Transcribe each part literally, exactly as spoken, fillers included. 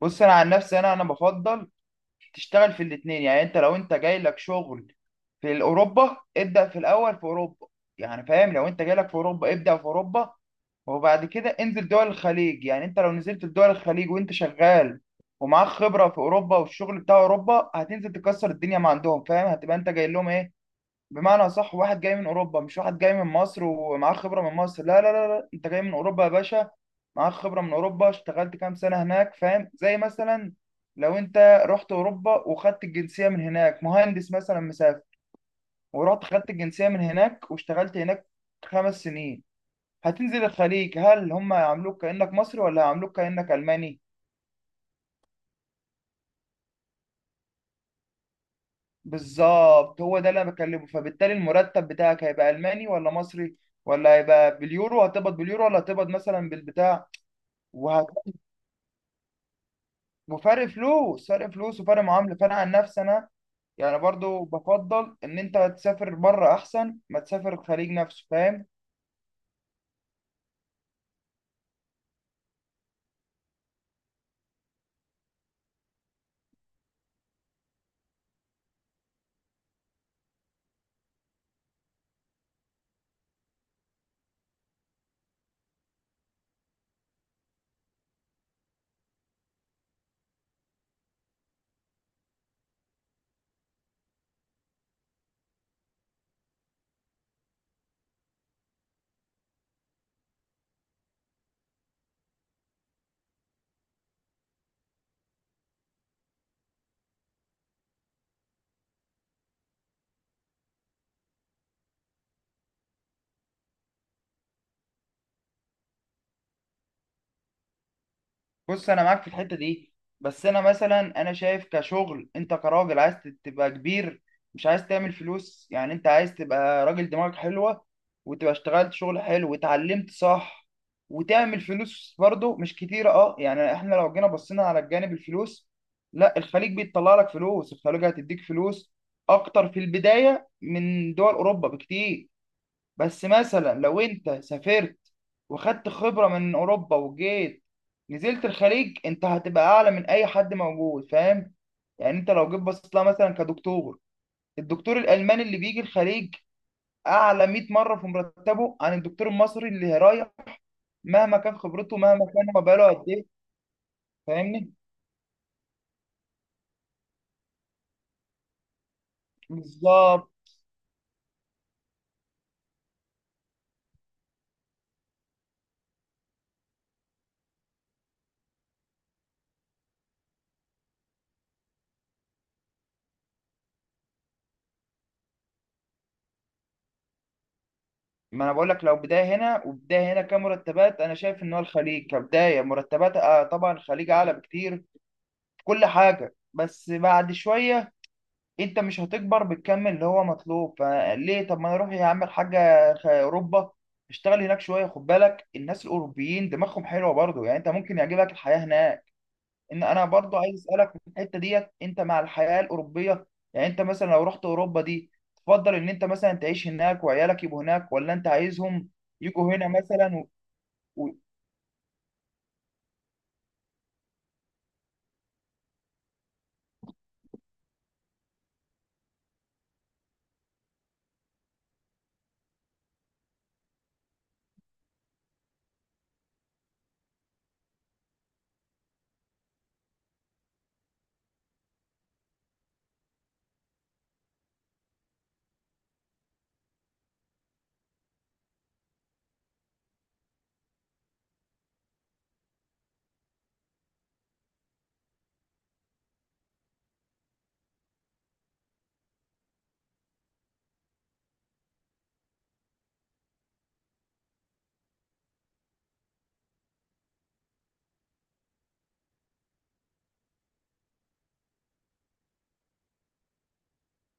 بص، انا عن نفسي انا انا بفضل تشتغل في الاثنين. يعني انت لو انت جاي لك شغل في اوروبا، ابدا في الاول في اوروبا. يعني فاهم، لو انت جاي لك في اوروبا ابدا في اوروبا، وبعد كده انزل دول الخليج. يعني انت لو نزلت في دول الخليج وانت شغال ومعاك خبره في اوروبا والشغل بتاع اوروبا، هتنزل تكسر الدنيا ما عندهم. فاهم؟ هتبقى انت جاي لهم ايه؟ بمعنى صح، واحد جاي من اوروبا مش واحد جاي من مصر ومعاه خبره من مصر. لا لا لا لا، انت جاي من اوروبا يا باشا، معاك خبره من اوروبا، اشتغلت كام سنه هناك. فاهم؟ زي مثلا لو انت رحت اوروبا وخدت الجنسيه من هناك، مهندس مثلا مسافر، ورحت خدت الجنسيه من هناك واشتغلت هناك خمس سنين، هتنزل الخليج. هل هم هيعاملوك كانك مصري ولا هيعاملوك كانك الماني؟ بالظبط، هو ده اللي انا بكلمه. فبالتالي المرتب بتاعك هيبقى الماني ولا مصري؟ ولا هيبقى باليورو؟ هتقبض باليورو ولا هتقبض مثلا بالبتاع؟ وهت... وفرق فلوس، فرق فلوس وفرق معامله. فانا عن نفسي انا يعني برضو بفضل ان انت تسافر بره احسن ما تسافر الخليج نفسه. فاهم؟ بص انا معاك في الحته دي، بس انا مثلا انا شايف، كشغل انت كراجل، عايز تبقى كبير، مش عايز تعمل فلوس. يعني انت عايز تبقى راجل دماغك حلوه، وتبقى اشتغلت شغل حلو واتعلمت صح، وتعمل فلوس برضه مش كتيره. اه يعني احنا لو جينا بصينا على الجانب الفلوس، لا الخليج بيطلع لك فلوس، الخليج هتديك فلوس اكتر في البدايه من دول اوروبا بكتير. بس مثلا لو انت سافرت وخدت خبرة من اوروبا وجيت نزلت الخليج، انت هتبقى اعلى من اي حد موجود. فاهم؟ يعني انت لو جيت بصيت لها مثلا كدكتور، الدكتور الالماني اللي بيجي الخليج اعلى مائة مرة في مرتبه عن الدكتور المصري اللي رايح، مهما كان خبرته، مهما كان ما بقاله قد ايه. فاهمني؟ بالظبط. ما انا بقول لك، لو بدايه هنا وبدايه هنا كمرتبات، انا شايف ان هو الخليج كبدايه مرتبات، آه، طبعا الخليج اعلى بكتير في كل حاجه. بس بعد شويه انت مش هتكبر بالكم اللي هو مطلوب. فليه؟ طب ما انا اروح يا عم الحاجه خ- اوروبا، اشتغل هناك شويه. خد بالك، الناس الاوروبيين دماغهم حلوه برضو، يعني انت ممكن يعجبك الحياه هناك. ان انا برضو عايز اسالك في الحته ديت، انت مع الحياه الاوروبيه؟ يعني انت مثلا لو رحت اوروبا دي، تفضل ان انت مثلا تعيش هناك وعيالك يبقوا هناك، ولا انت عايزهم يجوا هنا مثلا و... و...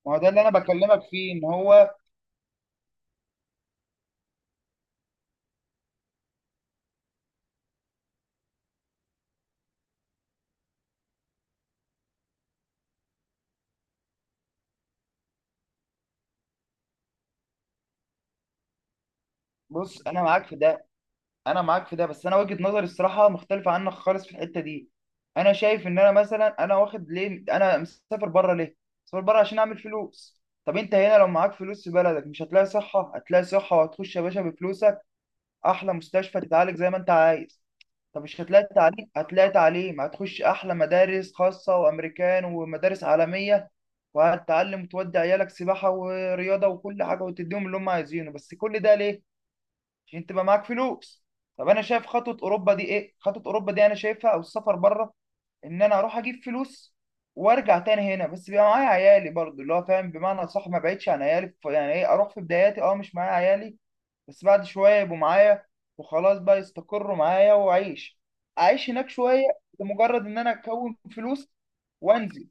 ما هو ده اللي انا بكلمك فيه، ان هو بص انا معاك في ده، انا معاك في ده، بس انا وجهة نظري الصراحه مختلفه عنك خالص في الحته دي. انا شايف ان انا مثلا انا واخد ليه، انا مسافر بره ليه؟ مسافر بره عشان اعمل فلوس. طب انت هنا لو معاك فلوس في بلدك، مش هتلاقي صحه؟ هتلاقي صحه، وهتخش يا باشا بفلوسك احلى مستشفى، تتعالج زي ما انت عايز. طب مش هتلاقي تعليم؟ هتلاقي تعليم، هتخش احلى مدارس خاصه وامريكان ومدارس عالميه، وهتتعلم، وتودي عيالك سباحه ورياضه وكل حاجه، وتديهم اللي هم عايزينه. بس كل ده ليه؟ عشان تبقى معاك فلوس. طب انا شايف خطوه اوروبا دي ايه، خطوه اوروبا دي انا شايفها او السفر بره، ان انا اروح اجيب فلوس وارجع تاني هنا، بس بيبقى معايا عيالي برضو اللي هو فاهم بمعنى صح، ما بعيدش عن عيالي، ف- يعني ايه، اروح في بداياتي اه مش معايا عيالي، بس بعد شويه يبقوا معايا وخلاص بقى، يستقروا معايا واعيش اعيش هناك شويه لمجرد ان انا اكون فلوس وانزل.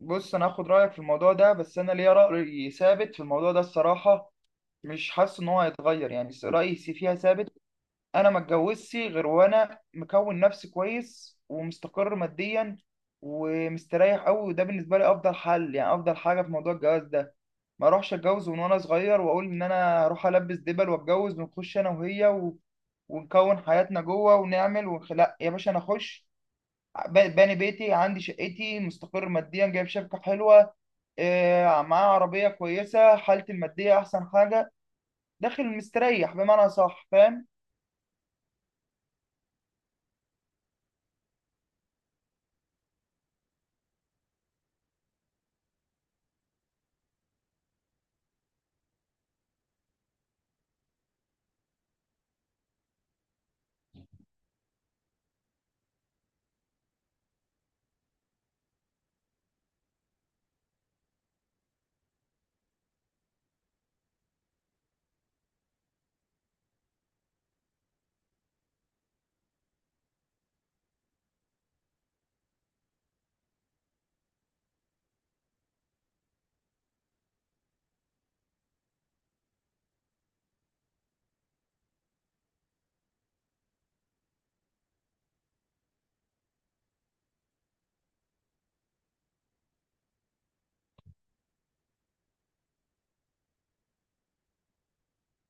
بص انا هاخد رايك في الموضوع ده، بس انا ليا راي ثابت في الموضوع ده الصراحه، مش حاسس ان هو هيتغير، يعني رايي فيها ثابت. انا ما اتجوزش غير وانا مكون نفسي كويس ومستقر ماديا ومستريح قوي، وده بالنسبه لي افضل حل، يعني افضل حاجه في موضوع الجواز ده. ما اروحش اتجوز من وانا صغير واقول ان انا هروح البس دبل واتجوز، ونخش انا وهي و... ونكون حياتنا جوه ونعمل ونخ... لا يا باشا، انا اخش ب- باني بيتي، عندي شقتي، مستقر ماديا، جايب شبكه حلوه، آه، معاه عربيه كويسه، حالتي الماديه احسن حاجه، داخل مستريح بمعنى صح. فاهم؟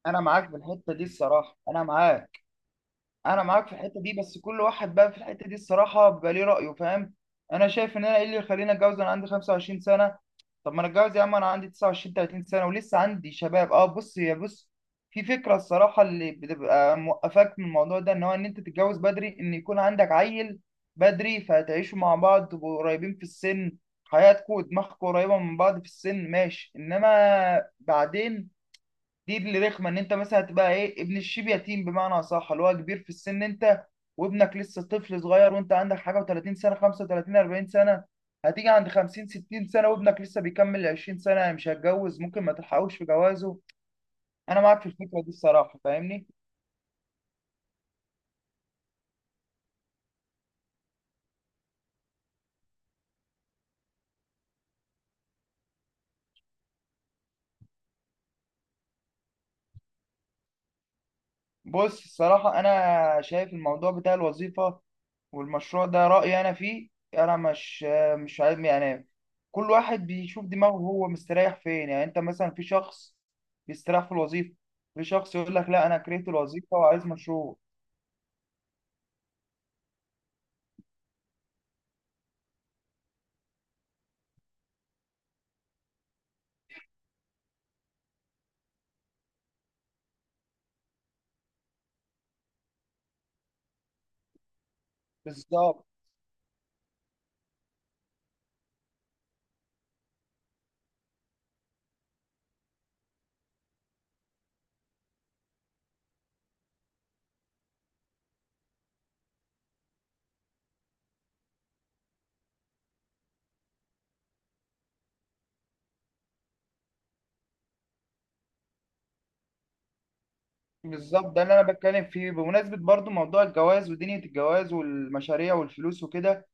انا معاك في الحته دي الصراحه، انا معاك، انا معاك في الحته دي. بس كل واحد بقى في الحته دي الصراحه بيبقى ليه رايه. فاهم؟ انا شايف ان انا ايه اللي يخليني اتجوز وانا عندي خمسة وعشرين سنه؟ طب ما انا اتجوز يا عم انا عندي تسعة وعشرين تلاتين سنه ولسه عندي شباب. اه بص، يا بص، في فكره الصراحه اللي بتبقى موقفاك من الموضوع ده، ان هو ان انت تتجوز بدري، ان يكون عندك عيل بدري، فتعيشوا مع بعض، تبقوا قريبين في السن، حياتكم ودماغكم قريبه من بعض في السن، ماشي. انما بعدين دي اللي رخمه، ان انت مثلا تبقى ايه، ابن الشيب يتيم، بمعنى اصح اللي هو كبير في السن انت، وابنك لسه طفل صغير، وانت عندك حاجه و30 سنه، خمسة وتلاتين، أربعين سنه، هتيجي عند خمسين، ستين سنه، وابنك لسه بيكمل عشرين سنه، مش هيتجوز، ممكن ما تلحقوش في جوازه. انا معاك في الفكره دي الصراحه. فاهمني؟ بص الصراحة، أنا شايف الموضوع بتاع الوظيفة والمشروع ده، رأيي أنا فيه، أنا مش مش عارف يعني، كل واحد بيشوف دماغه هو مستريح فين. يعني أنت مثلا في شخص بيستريح في الوظيفة، في شخص يقول لك لا أنا كرهت الوظيفة وعايز مشروع. بالظبط بالظبط، ده اللي أنا بتكلم فيه. بمناسبة برضو موضوع الجواز ودنيا الجواز والمشاريع والفلوس وكده،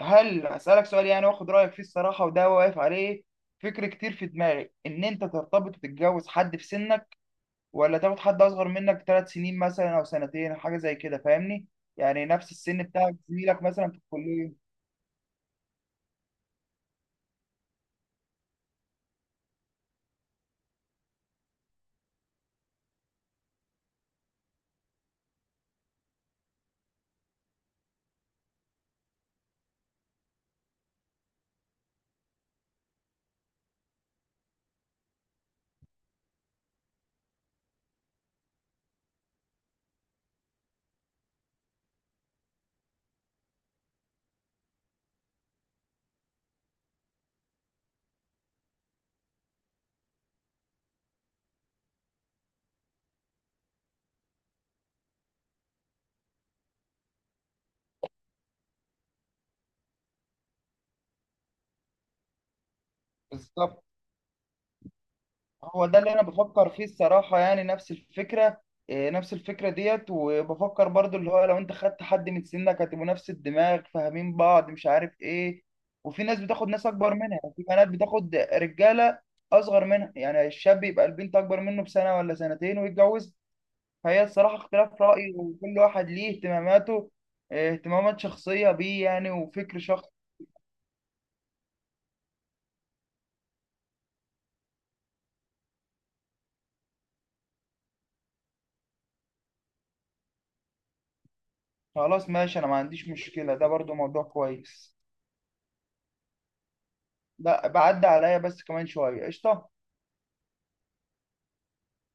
هل أسألك سؤال يعني وآخد رأيك فيه الصراحة، وده واقف عليه. فكر كتير في دماغي، إن أنت ترتبط وتتجوز حد في سنك، ولا تاخد حد اصغر منك ثلاث سنين مثلا او سنتين حاجه زي كده؟ فاهمني؟ يعني نفس السن بتاعك، زميلك مثلا في الكليه. بالظبط، هو ده اللي انا بفكر فيه الصراحه، يعني نفس الفكره. إيه، نفس الفكره ديت. وبفكر برضو اللي هو لو انت خدت حد من سنك، هتبقوا نفس الدماغ، فاهمين بعض، مش عارف ايه. وفي ناس بتاخد ناس اكبر منها، يعني في بنات بتاخد رجاله اصغر منها، يعني الشاب يبقى البنت اكبر منه بسنه ولا سنتين ويتجوز. فهي الصراحة اختلاف رأي، وكل واحد ليه اهتماماته، اه، اهتمامات شخصية بيه يعني، وفكر شخص خلاص ماشي، أنا ما عنديش مشكلة، ده برضو موضوع كويس. ده بعد عليا بس كمان شوية قشطة.